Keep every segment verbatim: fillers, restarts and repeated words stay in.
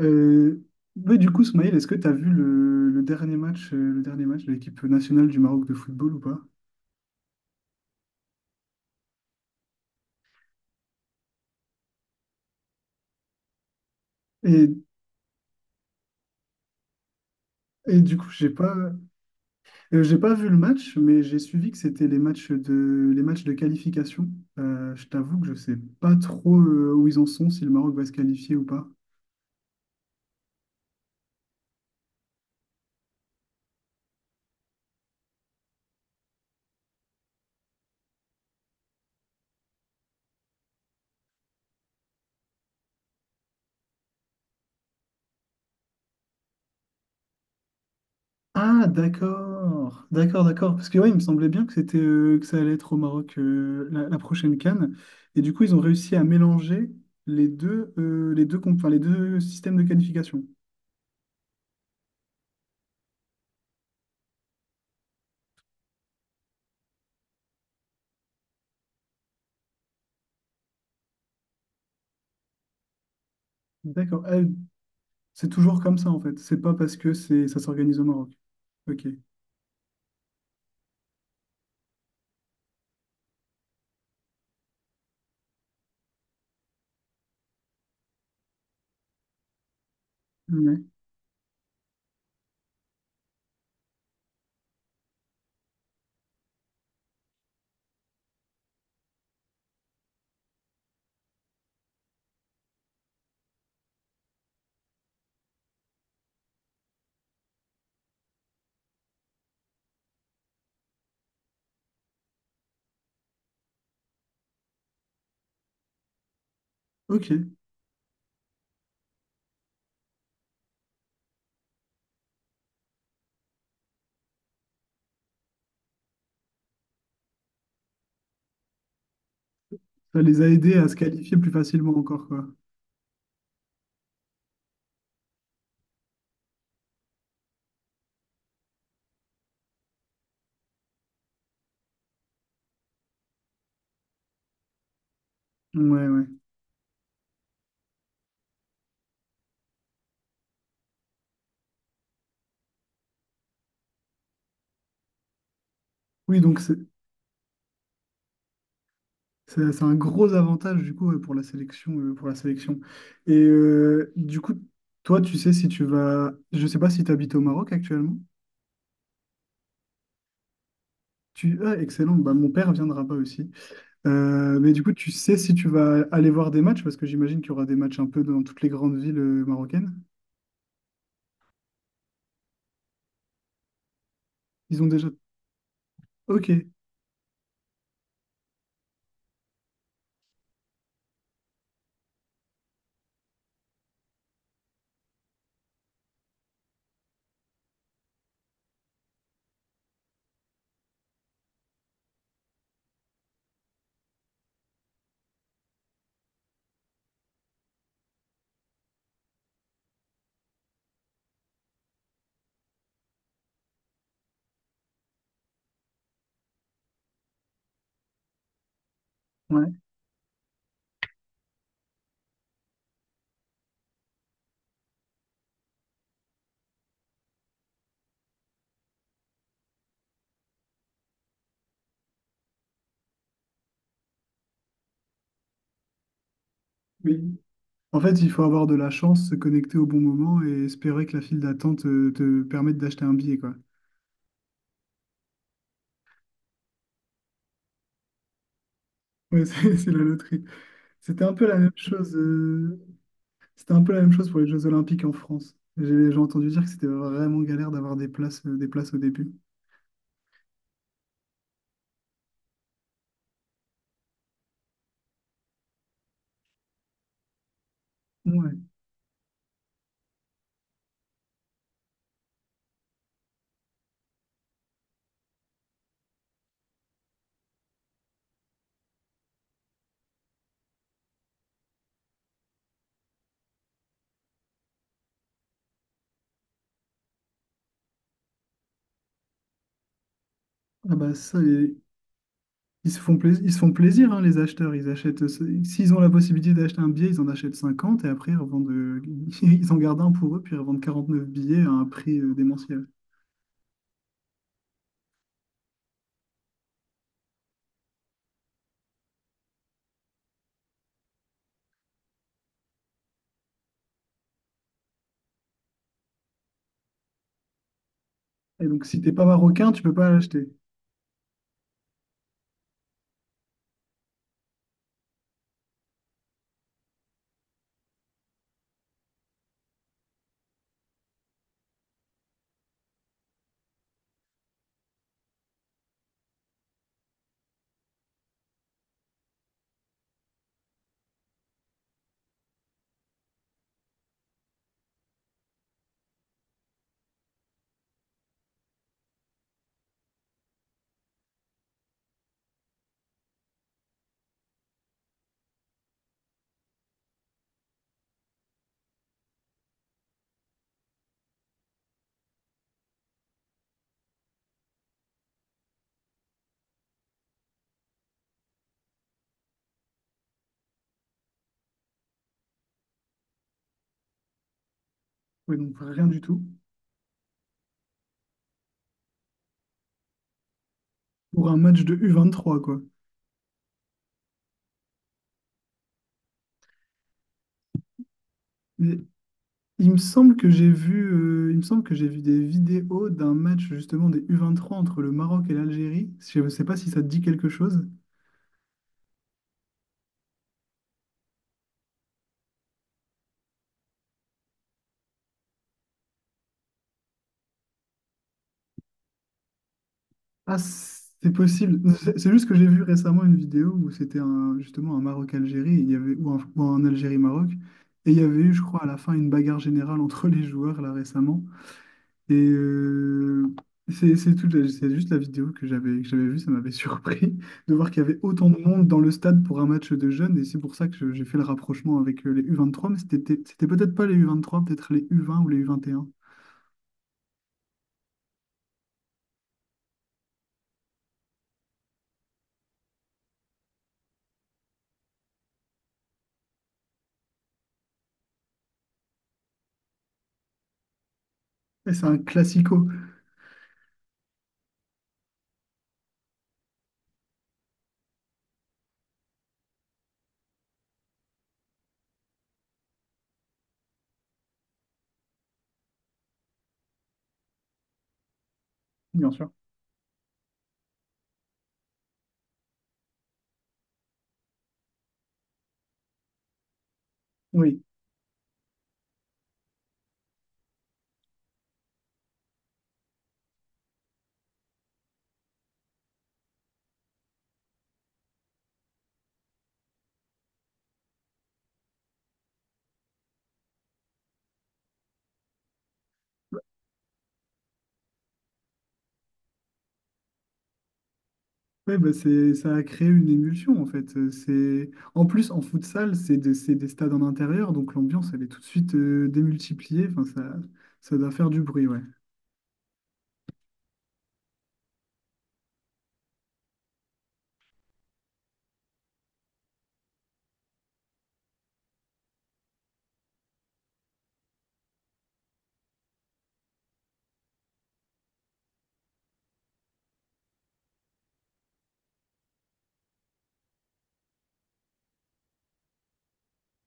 Euh, ouais, du coup, Smaïl, est-ce que tu as vu le, le dernier match, euh, le dernier match de l'équipe nationale du Maroc de football ou pas? Et, et du coup, j'ai pas, euh, j'ai pas vu le match, mais j'ai suivi que c'était les matchs de, les matchs de qualification. Euh, je t'avoue que je sais pas trop euh, où ils en sont, si le Maroc va se qualifier ou pas. Ah, d'accord, d'accord, d'accord. Parce que ouais, il me semblait bien que c'était euh, que ça allait être au Maroc euh, la, la prochaine CAN. Et du coup, ils ont réussi à mélanger les deux, euh, les deux, comp- enfin, les deux systèmes de qualification. D'accord. Ah, c'est toujours comme ça en fait. C'est pas parce que c'est ça s'organise au Maroc. Ok. Ouais. Ok. Ça les a aidés à se qualifier plus facilement encore quoi. Ouais, ouais. Oui, donc c'est c'est c'est un gros avantage du coup ouais, pour la sélection euh, pour la sélection. Et euh, du coup toi tu sais si tu vas, je sais pas si tu habites au Maroc actuellement. Tu ah excellent. Bah mon père viendra pas aussi. Euh, mais du coup tu sais si tu vas aller voir des matchs parce que j'imagine qu'il y aura des matchs un peu dans toutes les grandes villes euh, marocaines. Ils ont déjà. Ok. Ouais. Oui. En fait, il faut avoir de la chance, se connecter au bon moment et espérer que la file d'attente euh, te, permette d'acheter un billet, quoi. Ouais, c'est c'est la loterie. C'était un peu la même chose. euh, C'était un peu la même chose pour les Jeux Olympiques en France. J'ai j'ai entendu dire que c'était vraiment galère d'avoir des places, euh, des places au début. Ouais. Ah bah ça, les- Ils se font plaisir, ils se font plaisir, hein, les acheteurs. Ils achètent, euh, s'ils ont la possibilité d'acheter un billet, ils en achètent cinquante et après ils revendent, euh, ils en gardent un pour eux, puis ils revendent neuf billets à un prix euh, démentiel. Et donc, si t'es pas marocain, tu peux pas l'acheter. Ouais, donc rien du tout. Pour un match de U vingt-trois, quoi. Mais il me semble que j'ai vu, euh, il me semble que j'ai vu des vidéos d'un match justement des U vingt-trois entre le Maroc et l'Algérie. Je ne sais pas si ça te dit quelque chose. Ah, c'est possible. C'est c'est juste que j'ai vu récemment une vidéo où c'était un, justement un Maroc-Algérie, et il y avait, ou un, ou un Algérie-Maroc. Et il y avait eu, je crois, à la fin, une bagarre générale entre les joueurs, là, récemment. Et euh, c'est c'est tout, la- c'est juste la vidéo que j'avais que j'avais vue, ça m'avait surpris de voir qu'il y avait autant de monde dans le stade pour un match de jeunes. Et c'est pour ça que je- j'ai fait le rapprochement avec euh, les u vingt trois, mais c'était c'était peut-être pas les u vingt trois, peut-être les u vingt ou les U vingt et un. Et un. Et c'est un classico. Bien sûr. Oui, ouais, bah c'est, ça a créé une émulsion en fait. Euh, C'est, en plus, en futsal, c'est des, c'est des stades en intérieur, donc l'ambiance, elle est tout de suite euh, démultipliée. Enfin, ça, ça doit faire du bruit, ouais.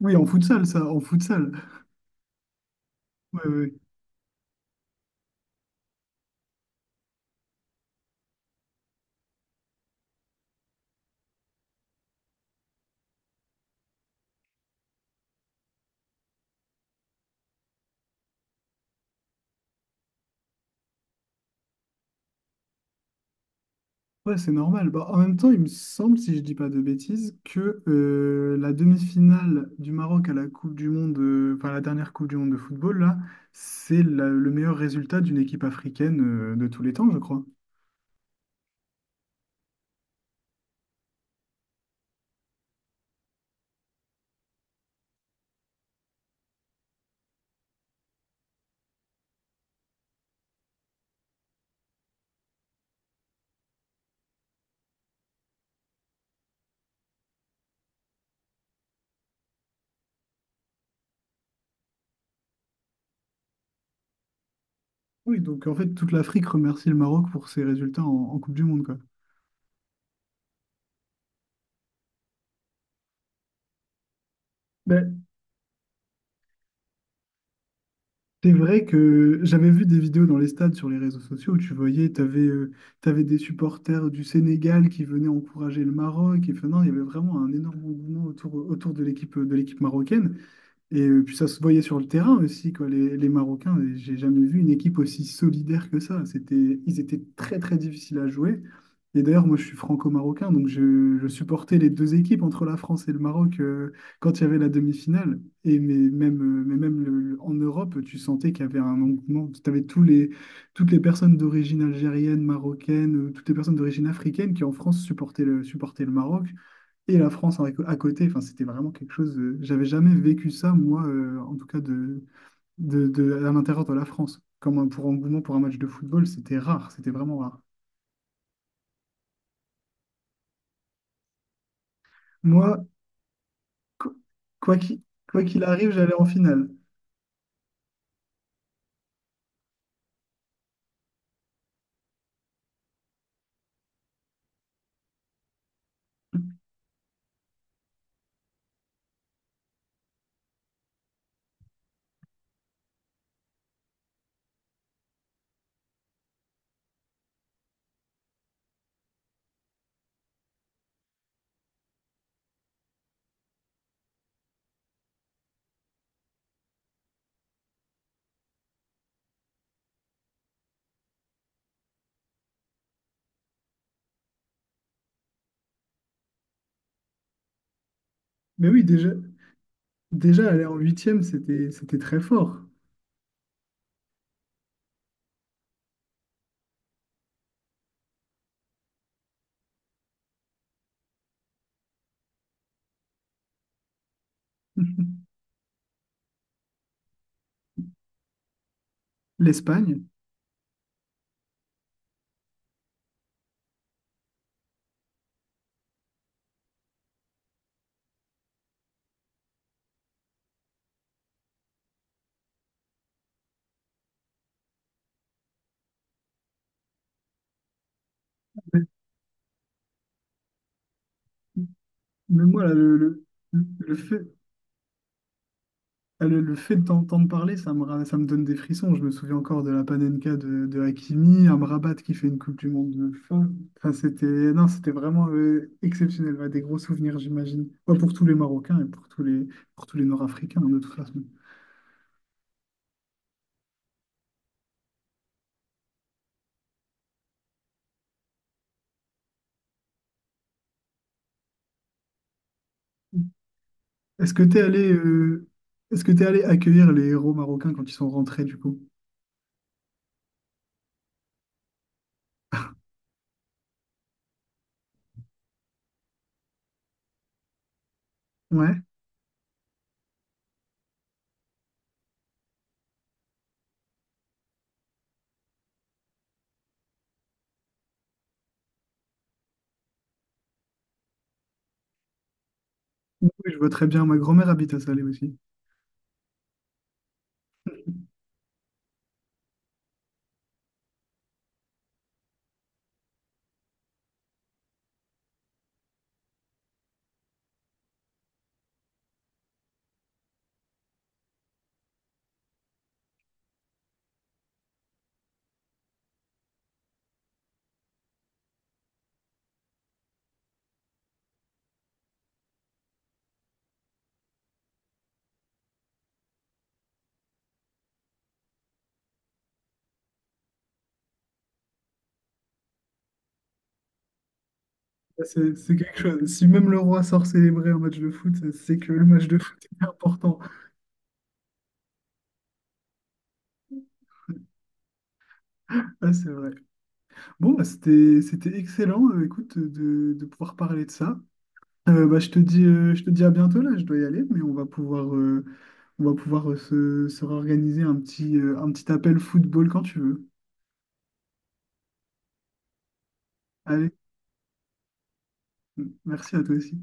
Oui, en futsal, ça, en futsal. Ouais, ouais, ouais. Ouais, c'est normal. Bah, en même temps, il me semble, si je dis pas de bêtises, que euh, la demi-finale du Maroc à la Coupe du Monde, euh, enfin la dernière Coupe du Monde de football, là, c'est la- le meilleur résultat d'une équipe africaine euh, de tous les temps, je crois. Oui, donc en fait, toute l'Afrique remercie le Maroc pour ses résultats en, en Coupe du Monde, quoi. Ben, c'est vrai que j'avais vu des vidéos dans les stades sur les réseaux sociaux où tu voyais, tu avais, des supporters du Sénégal qui venaient encourager le Maroc. Et enfin, non, il y avait vraiment un énorme engouement autour, autour de l'équipe de l'équipe marocaine. Et euh, puis ça se voyait sur le terrain aussi, quoi, les, les Marocains. Et j'ai jamais vu une équipe aussi solidaire que ça. C'était, ils étaient très très difficiles à jouer. Et d'ailleurs, moi je suis franco-marocain, donc je, je supportais les deux équipes entre la France et le Maroc euh, quand il y avait la demi-finale. Et mais même, euh, mais même le- le- en Europe, tu sentais qu'il y avait un engouement. Tu avais tous les, toutes les personnes d'origine algérienne, marocaine, euh, toutes les personnes d'origine africaine qui en France supportaient le, supportaient le Maroc et la France avec- à côté. Enfin, c'était vraiment quelque chose. Euh, j'avais jamais vécu ça, moi, euh, en tout cas, de, de, de- à l'intérieur de la France. Comme un- pour engouement pour un match de football, c'était rare. C'était vraiment rare. Moi, qu- quoi qu'il quoi qu'il arrive, j'allais en finale. Mais oui, déjà, déjà aller en huitième, c'était, c'était très fort. L'Espagne. Mais mais moi, là, le, le, le fait, Ah, Le, le fait de t'entendre parler, ça me, ra- ça me donne des frissons. Je me souviens encore de la Panenka de, de Hakimi, un Rabat qui fait une Coupe du Monde de fin. Enfin, c'était, non, c'était vraiment euh, exceptionnel. Ouais, des gros souvenirs, j'imagine. Ouais, pour tous les Marocains et pour tous les, pour tous les Nord-Africains, hein, de toute façon. Est-ce que tu es allé, euh, est-ce que tu allé accueillir les héros marocains quand ils sont rentrés, du coup? Ouais. Oui, je vois très bien. Ma grand-mère habite à Salé aussi. Ça, C'est c'est quelque chose. Si même le roi sort célébrer un match de foot, c'est que le match de foot est important. Ah, c'est vrai. Bon, bah, c'était, c'était excellent, euh, écoute, de, de pouvoir parler de ça. Euh, bah, je te dis, euh, je te dis à bientôt là, je dois y aller, mais on va pouvoir, euh, on va pouvoir euh, se, se réorganiser un petit, euh, un petit appel football quand tu veux. Allez, merci à toi aussi.